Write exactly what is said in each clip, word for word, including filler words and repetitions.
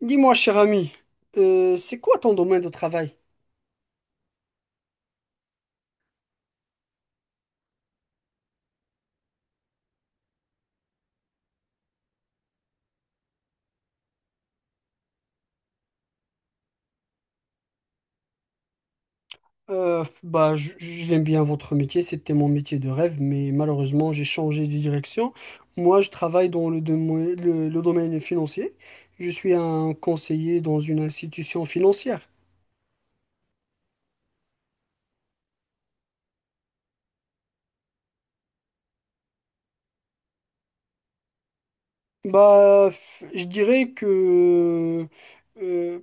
Dis-moi, cher ami, euh, c'est quoi ton domaine de travail? Euh, bah, j- j'aime bien votre métier, c'était mon métier de rêve, mais malheureusement, j'ai changé de direction. Moi, je travaille dans le, domo- le- le domaine financier. Je suis un conseiller dans une institution financière. Bah, f- je dirais que euh,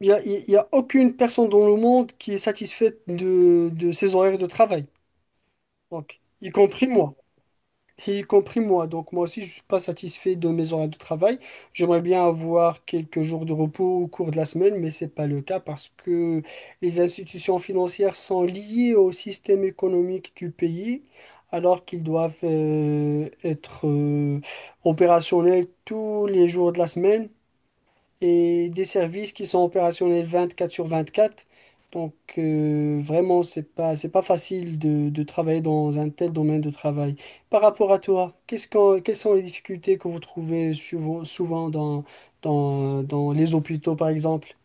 il n'y a, y- y a aucune personne dans le monde qui est satisfaite de, de ses horaires de travail, donc, y compris moi. Et y compris moi. Donc moi aussi, je ne suis pas satisfait de mes horaires de travail. J'aimerais bien avoir quelques jours de repos au cours de la semaine, mais ce n'est pas le cas parce que les institutions financières sont liées au système économique du pays, alors qu'ils doivent euh, être euh, opérationnels tous les jours de la semaine et des services qui sont opérationnels vingt-quatre sur vingt-quatre. Donc euh, vraiment, c'est pas, c'est pas facile de, de travailler dans un tel domaine de travail. Par rapport à toi, qu'est-ce que, quelles sont les difficultés que vous trouvez souvent, souvent dans, dans, dans les hôpitaux, par exemple?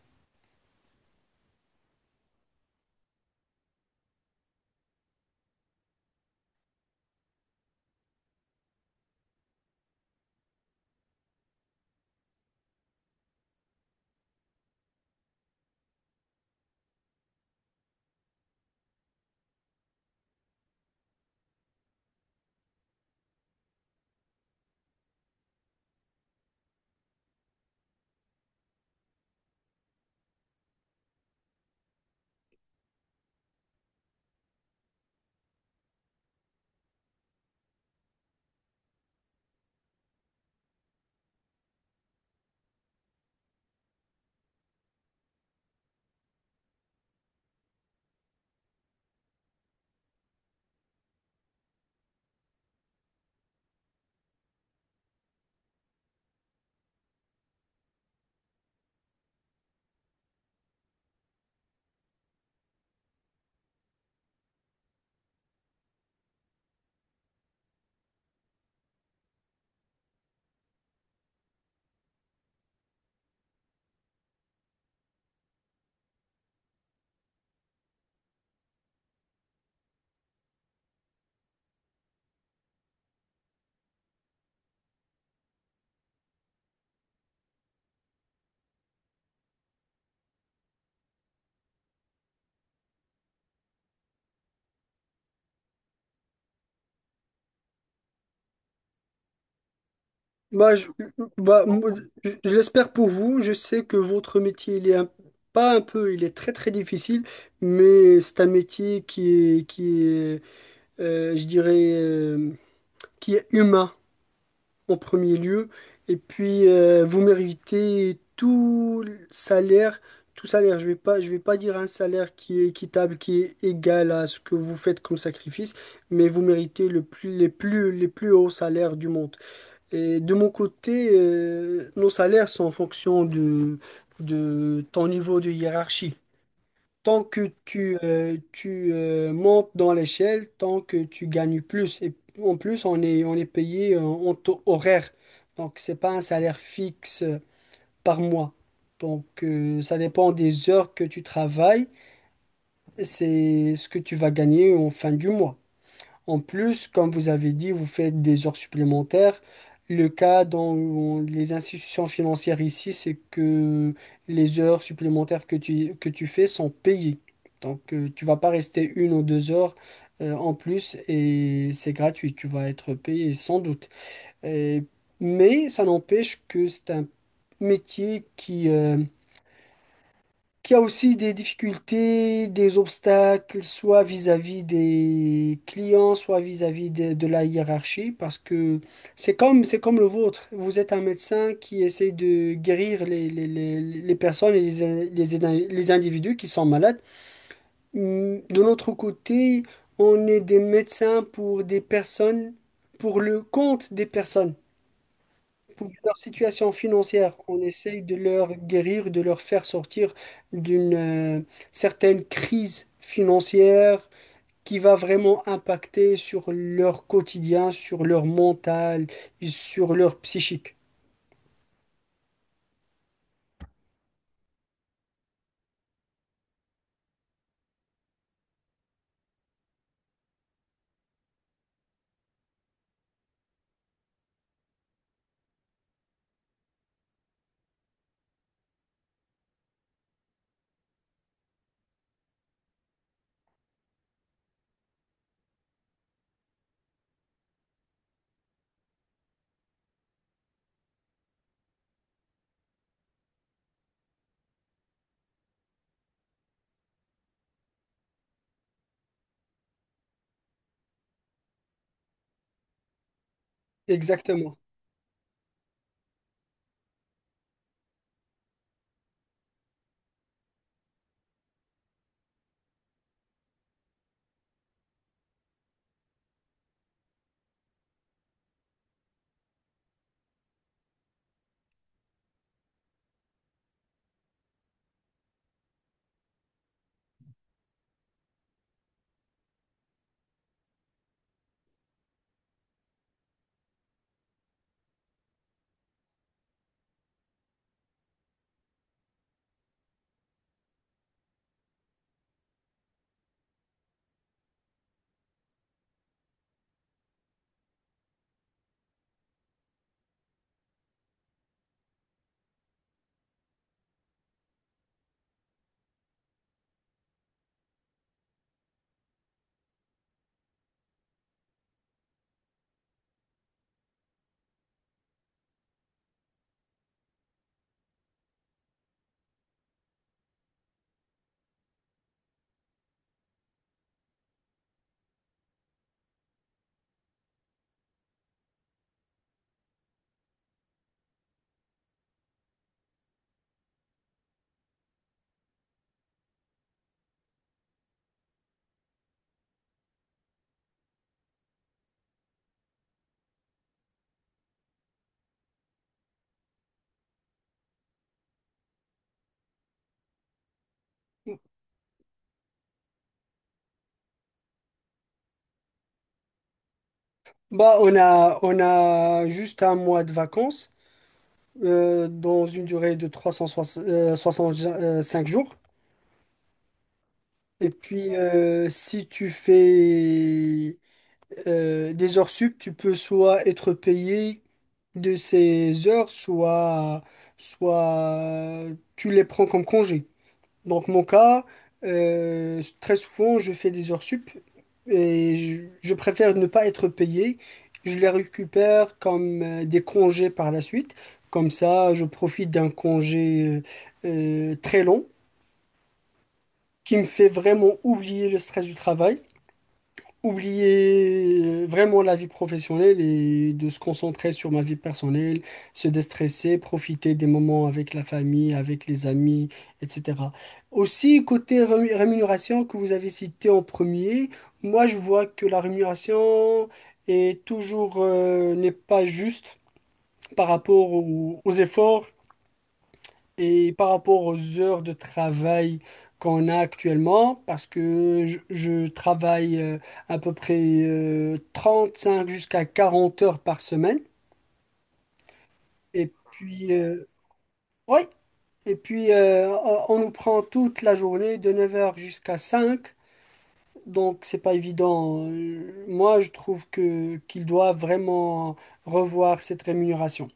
Bah, je, bah, moi, je- je l'espère pour vous. Je sais que votre métier, il est un- pas un peu, il est très très difficile, mais c'est un métier qui est, qui est, euh, je dirais, euh, qui est humain en premier lieu. Et puis, euh, vous méritez tout salaire. Tout salaire, je vais pas, je vais pas dire un salaire qui est équitable, qui est égal à ce que vous faites comme sacrifice, mais vous méritez le plus, les plus, les plus hauts salaires du monde. Et de mon côté, euh, nos salaires sont en fonction de, de ton niveau de hiérarchie tant que tu, euh, tu euh, montes dans l'échelle, tant que tu gagnes plus. Et en plus, on est, on est payé euh, en taux horaire. Donc, c'est pas un salaire fixe euh, par mois. Donc, euh, ça dépend des heures que tu travailles. C'est ce que tu vas gagner en fin du mois. En plus, comme vous avez dit, vous faites des heures supplémentaires. Le cas dans les institutions financières ici, c'est que les heures supplémentaires que tu, que tu fais sont payées. Donc, euh, tu vas pas rester une ou deux heures euh, en plus et c'est gratuit. Tu vas être payé sans doute. Et- mais ça n'empêche que c'est un métier qui, euh, qui a aussi des difficultés, des obstacles, soit vis-à-vis des clients, soit vis-à-vis de, de la hiérarchie, parce que c'est comme, c'est comme le vôtre. Vous êtes un médecin qui essaie de guérir les, les, les, les personnes et les, les, les individus qui sont malades. Hum, De notre côté, on est des médecins pour des personnes, pour le compte des personnes. Pour leur situation financière, on essaye de leur guérir, de leur faire sortir d'une euh, certaine crise financière qui va vraiment impacter sur leur quotidien, sur leur mental, sur leur psychique. Exactement. Bah, on a, on a juste un mois de vacances euh, dans une durée de trois cent soixante-cinq jours. Et puis, euh, si tu fais euh, des heures sup, tu peux soit être payé de ces heures, soit, soit tu les prends comme congé. Donc mon cas, euh, très souvent, je fais des heures sup et je, je préfère ne pas être payé. Je les récupère comme euh, des congés par la suite. Comme ça, je profite d'un congé euh, euh, très long qui me fait vraiment oublier le stress du travail, oublier euh, vraiment la vie professionnelle et de se concentrer sur ma vie personnelle, se déstresser, profiter des moments avec la famille, avec les amis, et cetera. Aussi, côté rému- rémunération que vous avez cité en premier, moi je vois que la rémunération est toujours euh, n'est pas juste par rapport au- aux efforts et par rapport aux heures de travail qu'on a actuellement, parce que je, je travaille euh, à peu près euh, cinq jusqu'à quarante heures par semaine. Et puis, euh, ouais. Et puis euh, on nous prend toute la journée de neuf heures jusqu'à cinq. Donc, c'est pas évident. Euh, Moi, je trouve que qu'il doit vraiment revoir cette rémunération.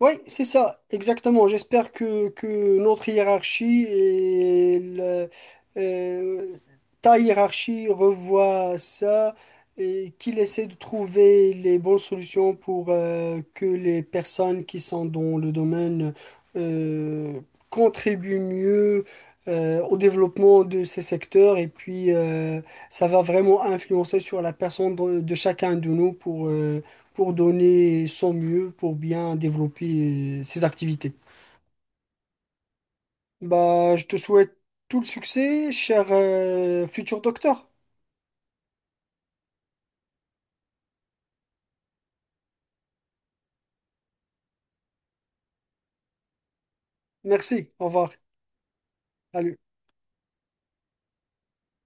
Oui, c'est ça, exactement. J'espère que, que notre hiérarchie et le- euh, ta hiérarchie revoient ça et qu'il essaie de trouver les bonnes solutions pour euh, que les personnes qui sont dans le domaine euh, contribuent mieux euh, au développement de ces secteurs et puis euh, ça va vraiment influencer sur la personne de, de chacun de nous pour, euh, pour donner son mieux pour bien développer euh, ses activités. Bah, je te souhaite tout le succès, cher euh, futur docteur. Merci, au revoir. Salut.